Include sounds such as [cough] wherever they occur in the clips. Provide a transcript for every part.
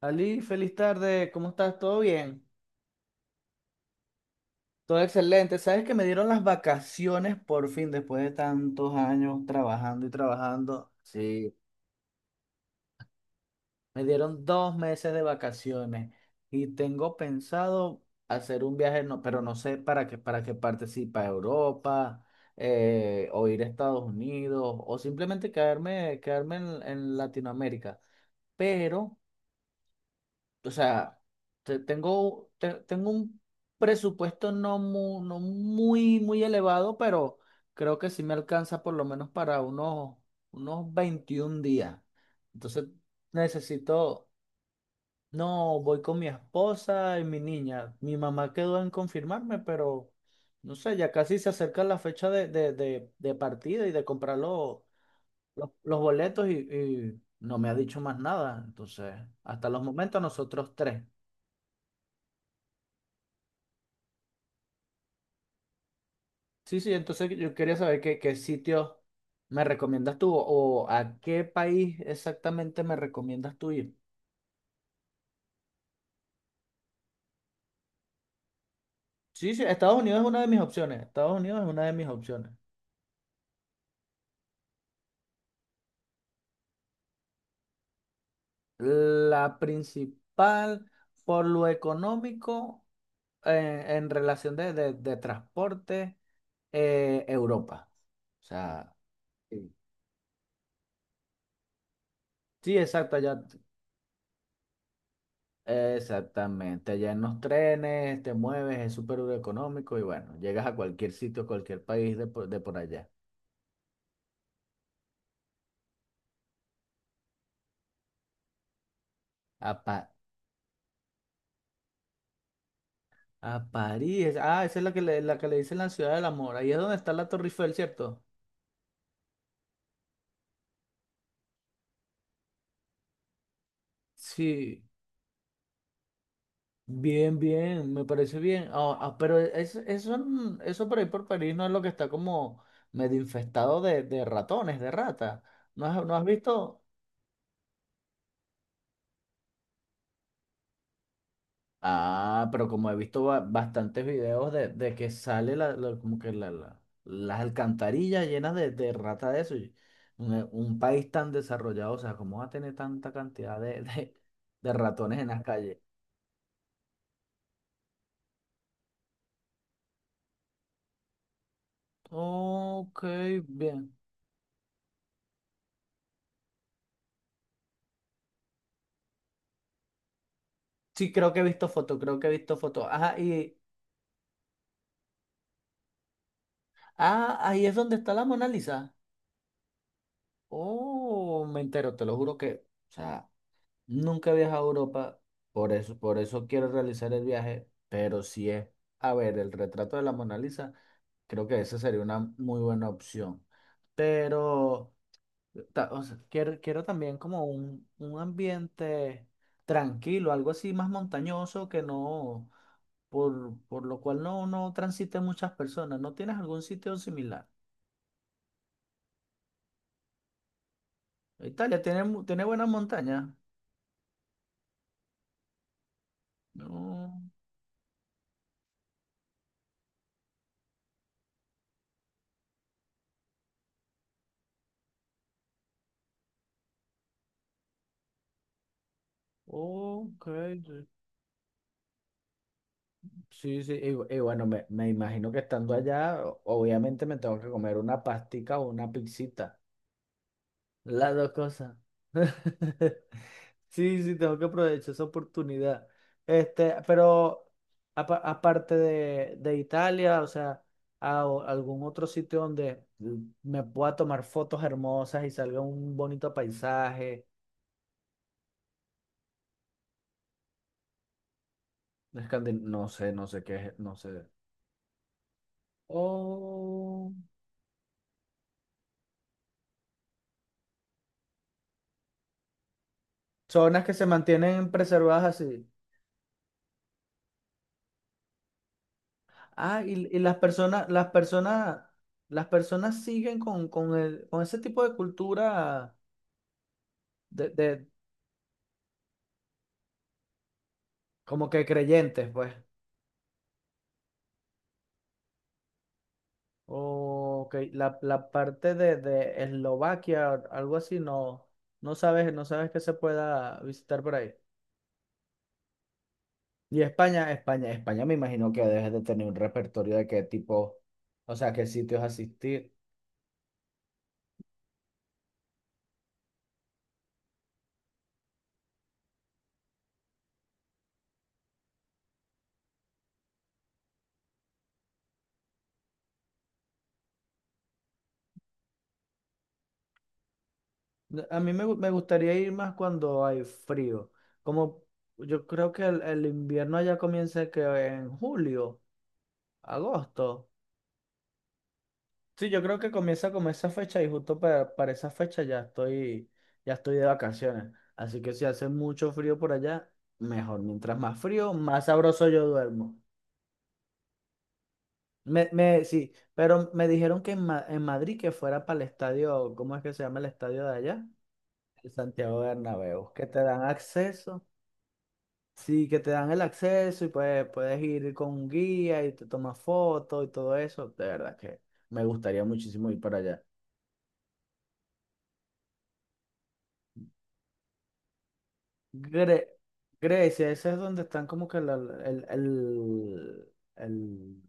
Ali, feliz tarde, ¿cómo estás? ¿Todo bien? Todo excelente. Sabes que me dieron las vacaciones por fin, después de tantos años trabajando y trabajando. Sí, me dieron 2 meses de vacaciones y tengo pensado hacer un viaje, no, pero no sé para qué parte, si para Europa, o ir a Estados Unidos, o simplemente quedarme, quedarme en Latinoamérica. Pero o sea, tengo un presupuesto no muy elevado, pero creo que sí me alcanza por lo menos para unos 21 días. Entonces necesito, no, voy con mi esposa y mi niña. Mi mamá quedó en confirmarme, pero no sé, ya casi se acerca la fecha de partida y de comprar los boletos y no me ha dicho más nada. Entonces, hasta los momentos nosotros tres. Sí, sí, entonces yo quería saber qué, qué sitio me recomiendas tú o a qué país exactamente me recomiendas tú ir. Sí, sí, Estados Unidos es una de mis opciones. Estados Unidos es una de mis opciones. La principal, por lo económico, en relación de transporte, Europa. O sea, sí. Sí, exacto, allá exactamente, allá en los trenes te mueves, es súper económico y bueno, llegas a cualquier sitio, cualquier país de por allá. A, Pa- a París, ah, esa es la que le dicen la ciudad del amor, ahí es donde está la Torre Eiffel, ¿cierto? Sí, bien, bien, me parece bien. Pero eso, eso por ahí por París no es lo que está como medio infestado de ratones, de ratas. No has visto? Ah, pero como he visto bastantes videos de que sale como que las alcantarillas llenas de rata de eso. Y un, un país tan desarrollado, o sea, ¿cómo va a tener tanta cantidad de, [laughs] de ratones en las calles? Ok, bien. Sí, creo que he visto fotos, creo que he visto fotos. Ajá, y ah, ahí es donde está la Mona Lisa. Oh, me entero, te lo juro que, o sea. Nunca he viajado a Europa, por eso quiero realizar el viaje, pero si es, a ver, el retrato de la Mona Lisa, creo que esa sería una muy buena opción. Pero o sea, quiero, quiero también como un ambiente tranquilo, algo así más montañoso que no, por lo cual no, no transiten muchas personas. ¿No tienes algún sitio similar? Italia tiene, tiene buenas montañas. No, ok. Sí. Sí, sí, y, y bueno, me imagino que estando allá, obviamente me tengo que comer una pastica o una pizzita. Las dos cosas. [laughs] Sí, sí, tengo que aprovechar esa oportunidad. Este, pero aparte de Italia, o sea, o algún otro sitio donde me pueda tomar fotos hermosas y salga un bonito paisaje. Escandi- No sé, no sé qué es, no sé. O zonas que se mantienen preservadas así. Ah, y las personas, las personas, las personas siguen con el, con ese tipo de cultura de, de- como que creyentes, pues. O que la parte de Eslovaquia, algo así, no, no sabes, no sabes que se pueda visitar por ahí. Y España, España, España me imagino que debes de tener un repertorio de qué tipo, o sea, qué sitios asistir. No, a mí me, me gustaría ir más cuando hay frío. Como yo creo que el invierno allá comienza que en julio, agosto. Sí, yo creo que comienza como esa fecha y justo para esa fecha ya estoy de vacaciones. Así que si hace mucho frío por allá, mejor. Mientras más frío, más sabroso yo duermo. Me, sí, pero me dijeron que en, en Madrid que fuera para el estadio, ¿cómo es que se llama el estadio de allá? El Santiago Bernabéu, que te dan acceso. Sí, que te dan el acceso y pues puedes ir con un guía y te tomas fotos y todo eso. De verdad que me gustaría muchísimo ir para allá. Gre- Grecia, ese es donde están como que el, el, el-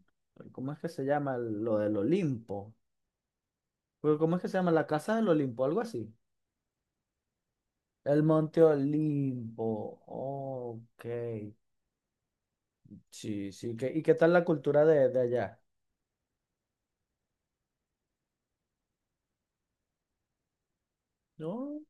¿cómo es que se llama? El... lo del Olimpo. Pero, ¿cómo es que se llama? La casa del Olimpo, algo así. El Monte Olimpo. Ok. Sí, sí. Y qué tal la cultura de allá? No.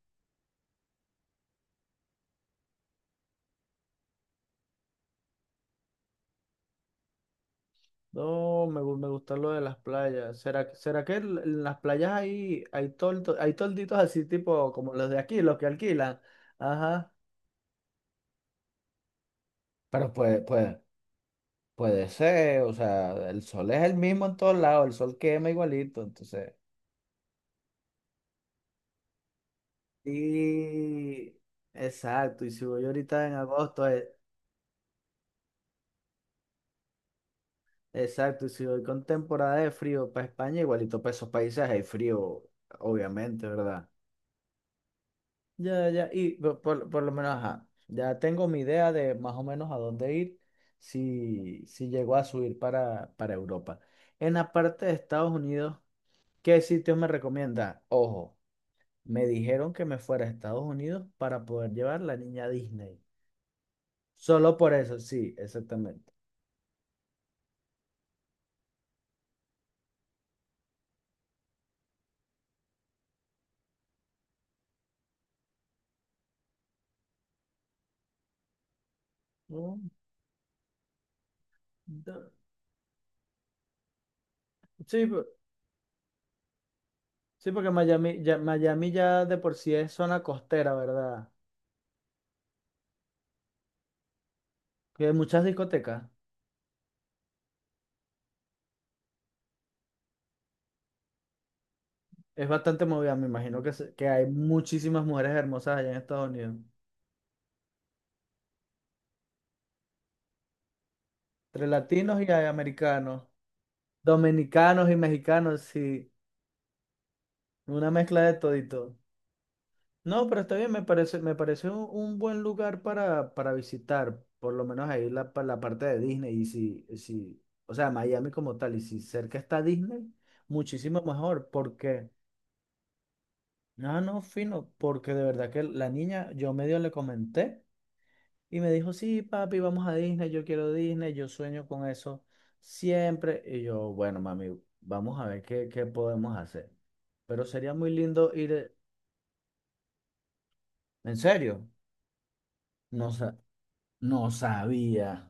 No, me, me gusta lo de las playas. ¿Será, será que en las playas hay, hay, hay tolditos así tipo como los de aquí, los que alquilan? Ajá. Pero puede, puede, puede ser, o sea, el sol es el mismo en todos lados, el sol quema igualito, entonces, y exacto, y si voy ahorita en agosto, exacto, y si voy con temporada de frío para España, igualito para esos países hay frío, obviamente, ¿verdad? Ya, ya, y por, por lo menos, ajá, ya tengo mi idea de más o menos a dónde ir si, si llego a subir para Europa. En la parte de Estados Unidos, ¿qué sitios me recomienda? Ojo, me dijeron que me fuera a Estados Unidos para poder llevar la niña a Disney. Solo por eso, sí, exactamente. Mm, da- Sí, sí, porque Miami ya de por sí es zona costera, ¿verdad? Que hay muchas discotecas. Es bastante movida, me imagino que, que hay muchísimas mujeres hermosas allá en Estados Unidos. Entre latinos y hay americanos, dominicanos y mexicanos, sí, una mezcla de todito. No, pero está bien, me parece un buen lugar para visitar, por lo menos ahí la parte de Disney. Y si, si, o sea, Miami como tal, y si cerca está Disney, muchísimo mejor, porque, no, no, fino, porque de verdad que la niña, yo medio le comenté. Y me dijo, sí, papi, vamos a Disney, yo quiero Disney, yo sueño con eso siempre. Y yo, bueno, mami, vamos a ver qué, qué podemos hacer. Pero sería muy lindo ir, en serio, no, sa- no sabía.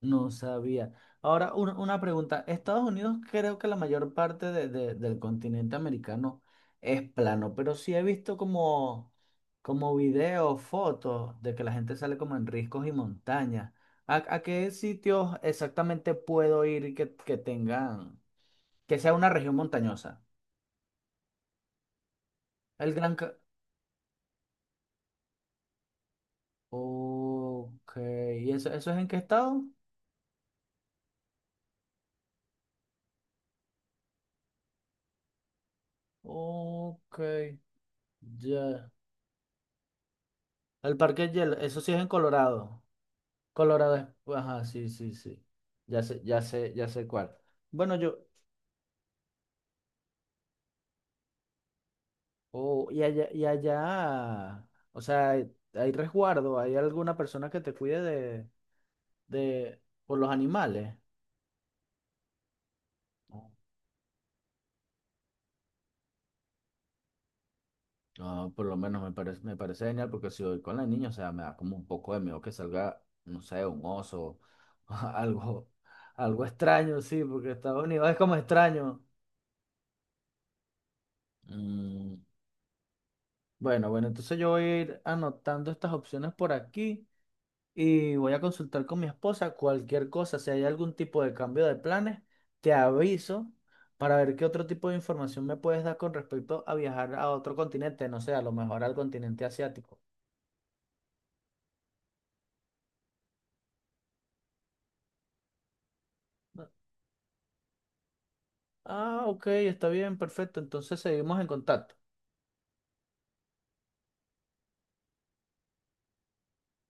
No sabía. Ahora, una pregunta. Estados Unidos creo que la mayor parte del continente americano es plano, pero sí he visto como, como videos, fotos de que la gente sale como en riscos y montañas. A qué sitios exactamente puedo ir que tengan, que sea una región montañosa? El Gran... Ca- Ok. ¿Y eso es en qué estado? Ok. Ya. El Parque Hielo, eso sí es en Colorado. Colorado es- pues, ajá, sí, sí, sí. Ya sé, ya sé, ya sé cuál. Bueno, yo, oh, y allá, o sea, hay resguardo, hay alguna persona que te cuide de, por los animales. No, no, por lo menos me parece genial porque si voy con la niña, o sea, me da como un poco de miedo que salga, no sé, un oso, [laughs] algo, algo extraño, sí, porque Estados Unidos es como extraño. Mm, bueno, bueno, entonces yo voy a ir anotando estas opciones por aquí, y voy a consultar con mi esposa cualquier cosa, si hay algún tipo de cambio de planes, te aviso para ver qué otro tipo de información me puedes dar con respecto a viajar a otro continente, no sé, a lo mejor al continente asiático. Ah, ok, está bien, perfecto, entonces seguimos en contacto.